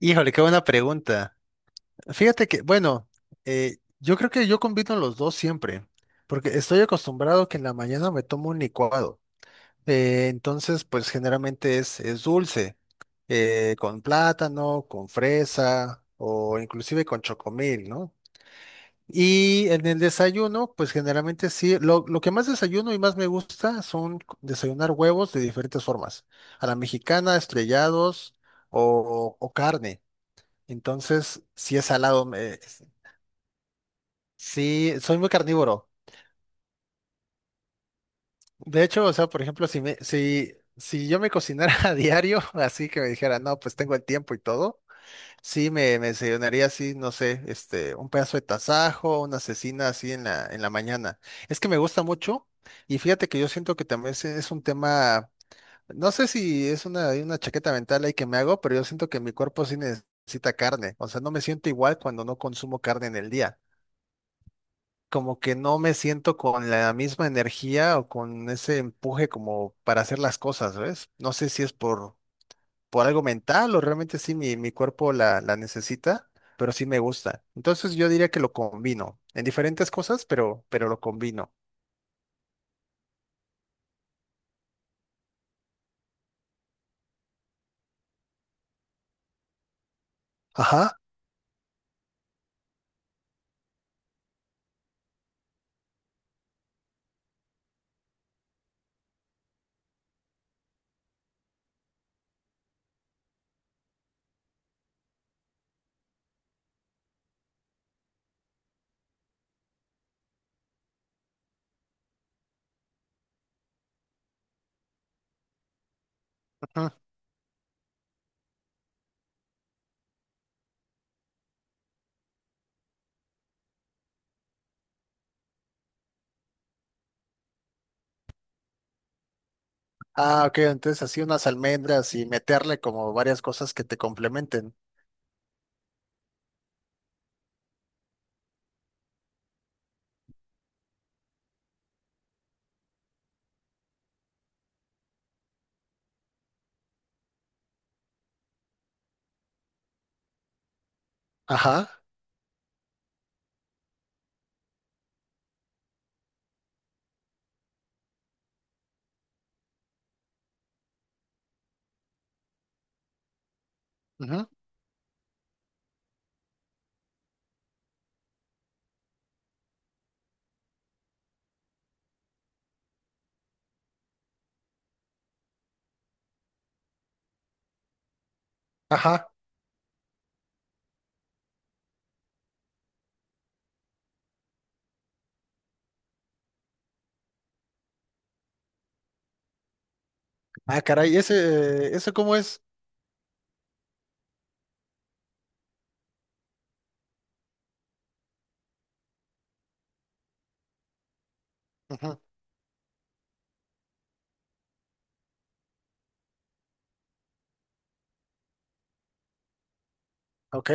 Híjole, qué buena pregunta. Fíjate que, bueno, yo creo que yo combino los dos siempre, porque estoy acostumbrado que en la mañana me tomo un licuado. Entonces, pues generalmente es dulce, con plátano, con fresa o inclusive con chocomil, ¿no? Y en el desayuno, pues generalmente sí, lo que más desayuno y más me gusta son desayunar huevos de diferentes formas, a la mexicana, estrellados o carne. Entonces, sí es salado. Sí, soy muy carnívoro. De hecho, o sea, por ejemplo, si yo me cocinara a diario, así que me dijera, no, pues tengo el tiempo y todo, sí me desayunaría así, no sé, este, un pedazo de tasajo, una cecina así en en la mañana. Es que me gusta mucho, y fíjate que yo siento que también es un tema, no sé si es una chaqueta mental ahí que me hago, pero yo siento que mi cuerpo sí necesita carne. O sea, no me siento igual cuando no consumo carne en el día. Como que no me siento con la misma energía o con ese empuje como para hacer las cosas, ¿ves? No sé si es por algo mental o realmente sí mi cuerpo la necesita, pero sí me gusta. Entonces yo diría que lo combino en diferentes cosas, pero lo combino. Ajá. Ujú. Ah, ok, entonces así unas almendras y meterle como varias cosas que te complementen. Ajá. Ujú. Ajá. Ah, caray, ese, ¿eso cómo es? Ujú. Ok.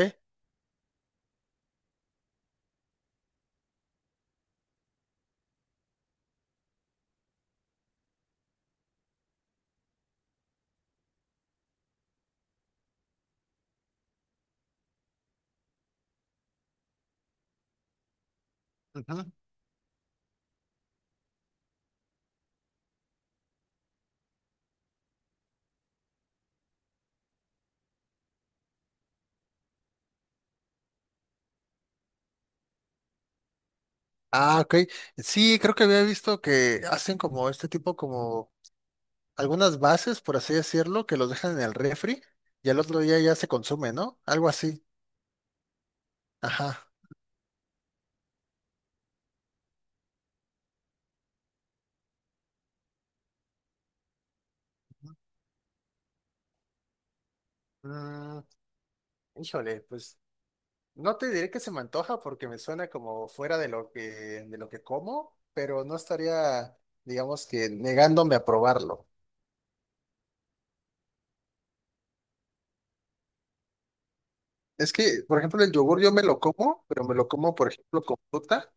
Ujú. Ah, ok. Sí, creo que había visto que hacen como este tipo, como algunas bases, por así decirlo, que los dejan en el refri y al otro día ya se consume, ¿no? Algo así. Ajá. Mm, híjole, pues no te diré que se me antoja porque me suena como fuera de lo que como, pero no estaría, digamos que, negándome a probarlo. Es que, por ejemplo, el yogur yo me lo como, pero me lo como, por ejemplo, con fruta.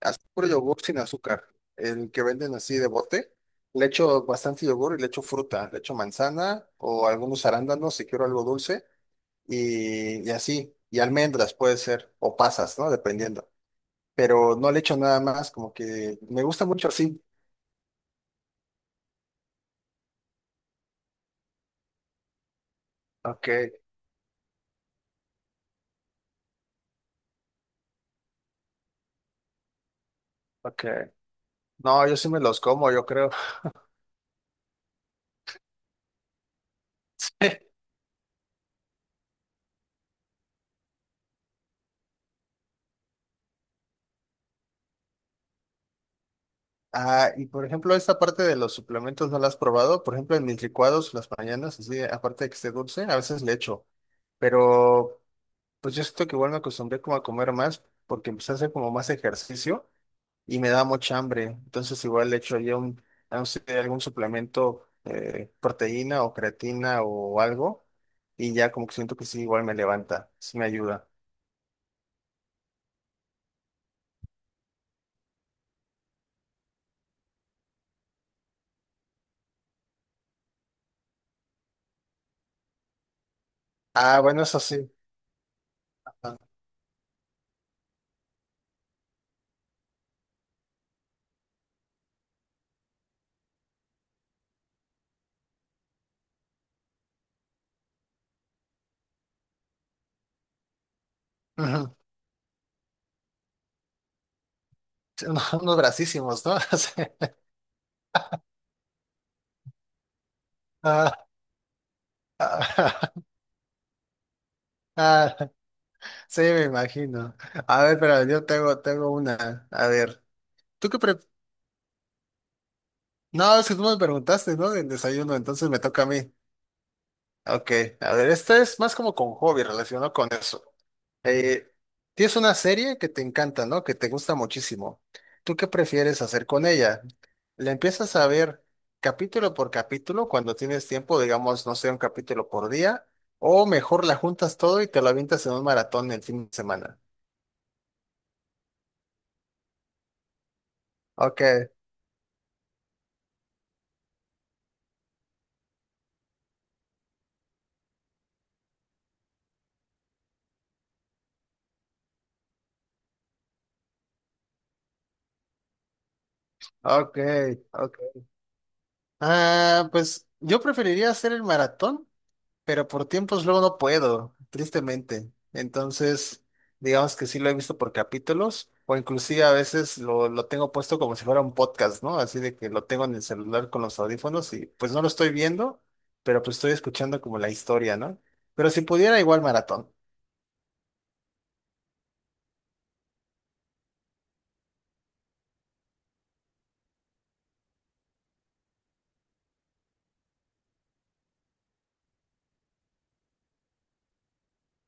Haz puro yogur sin azúcar, el que venden así de bote. Le echo bastante yogur y le echo fruta, le echo manzana o algunos arándanos si quiero algo dulce y así. Y almendras puede ser, o pasas, ¿no? Dependiendo. Pero no le echo nada más, como que me gusta mucho así. Ok, ok. No, yo sí me los como, yo creo. Ah, y por ejemplo, esta parte de los suplementos no la has probado. Por ejemplo, en mis licuados las mañanas, así, aparte de que esté dulce, a veces le echo. Pero pues yo siento que igual me acostumbré como a comer más porque empecé a hacer como más ejercicio y me da mucha hambre. Entonces igual le echo yo un, no sé, algún suplemento, proteína o creatina o algo y ya como que siento que sí, igual me levanta, sí me ayuda. Ah, bueno, eso sí. Ah, ujú. Unos unos bracísimos, ¿no? Sí. Ah, ah, ah, sí, me imagino. A ver, pero yo tengo una. A ver, ¿tú qué No, es que tú me preguntaste, ¿no? Del desayuno, entonces me toca a mí. Ok, a ver, esta es más como con hobby relacionado con eso. Eh, Tienes una serie que te encanta, ¿no? Que te gusta muchísimo. ¿Tú qué prefieres hacer con ella? ¿La empiezas a ver capítulo por capítulo cuando tienes tiempo, digamos, no sé, un capítulo por día? ¿O mejor la juntas todo y te la avientas en un maratón el fin de semana? Ok, ok, ok. Ah, pues yo preferiría hacer el maratón pero por tiempos luego no puedo, tristemente. Entonces, digamos que sí lo he visto por capítulos, o inclusive a veces lo tengo puesto como si fuera un podcast, ¿no? Así de que lo tengo en el celular con los audífonos y pues no lo estoy viendo, pero pues estoy escuchando como la historia, ¿no? Pero si pudiera, igual maratón.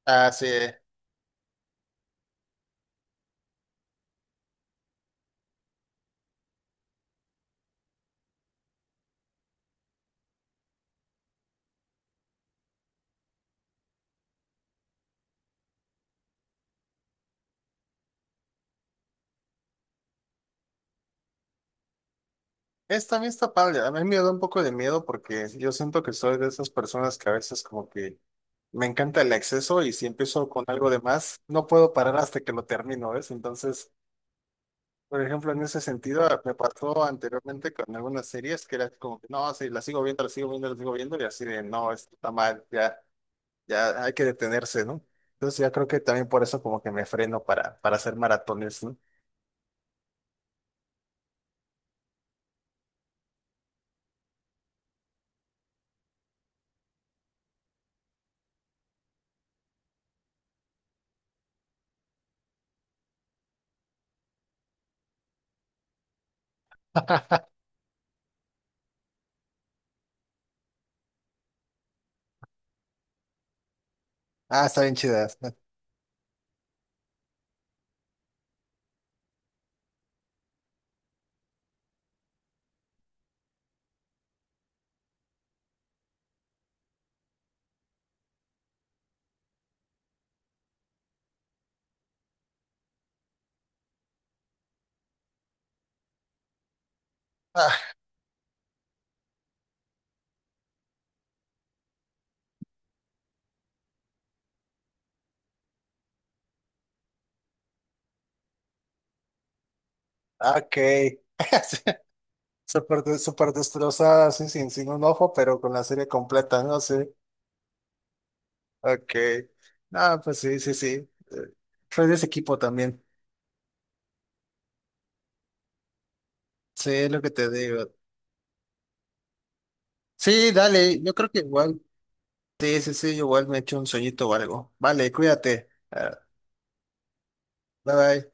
Ah, sí. También está padre. A mí me da un poco de miedo porque yo siento que soy de esas personas que a veces como que me encanta el exceso y si empiezo con algo de más, no puedo parar hasta que lo termino, ¿ves? Entonces, por ejemplo, en ese sentido, ah, me pasó anteriormente con algunas series que era como que no, sí, la sigo viendo, la sigo viendo, la sigo viendo, y así de no, esto está mal, ya, ya hay que detenerse, ¿no? Entonces, ya creo que también por eso, como que me freno para hacer maratones, ¿no? Ah, está bien chidas. Ah, ok. Sí, súper, súper destrozada, así, sin un ojo, pero con la serie completa, ¿no? Sí. Ok. Ah, pues sí, sí, sí. Eh, soy de ese equipo también. Sí, es lo que te digo. Sí, dale, yo creo que igual. Sí, sí, sí, igual me echo un sueñito o algo. Vale, cuídate. Ah, bye bye.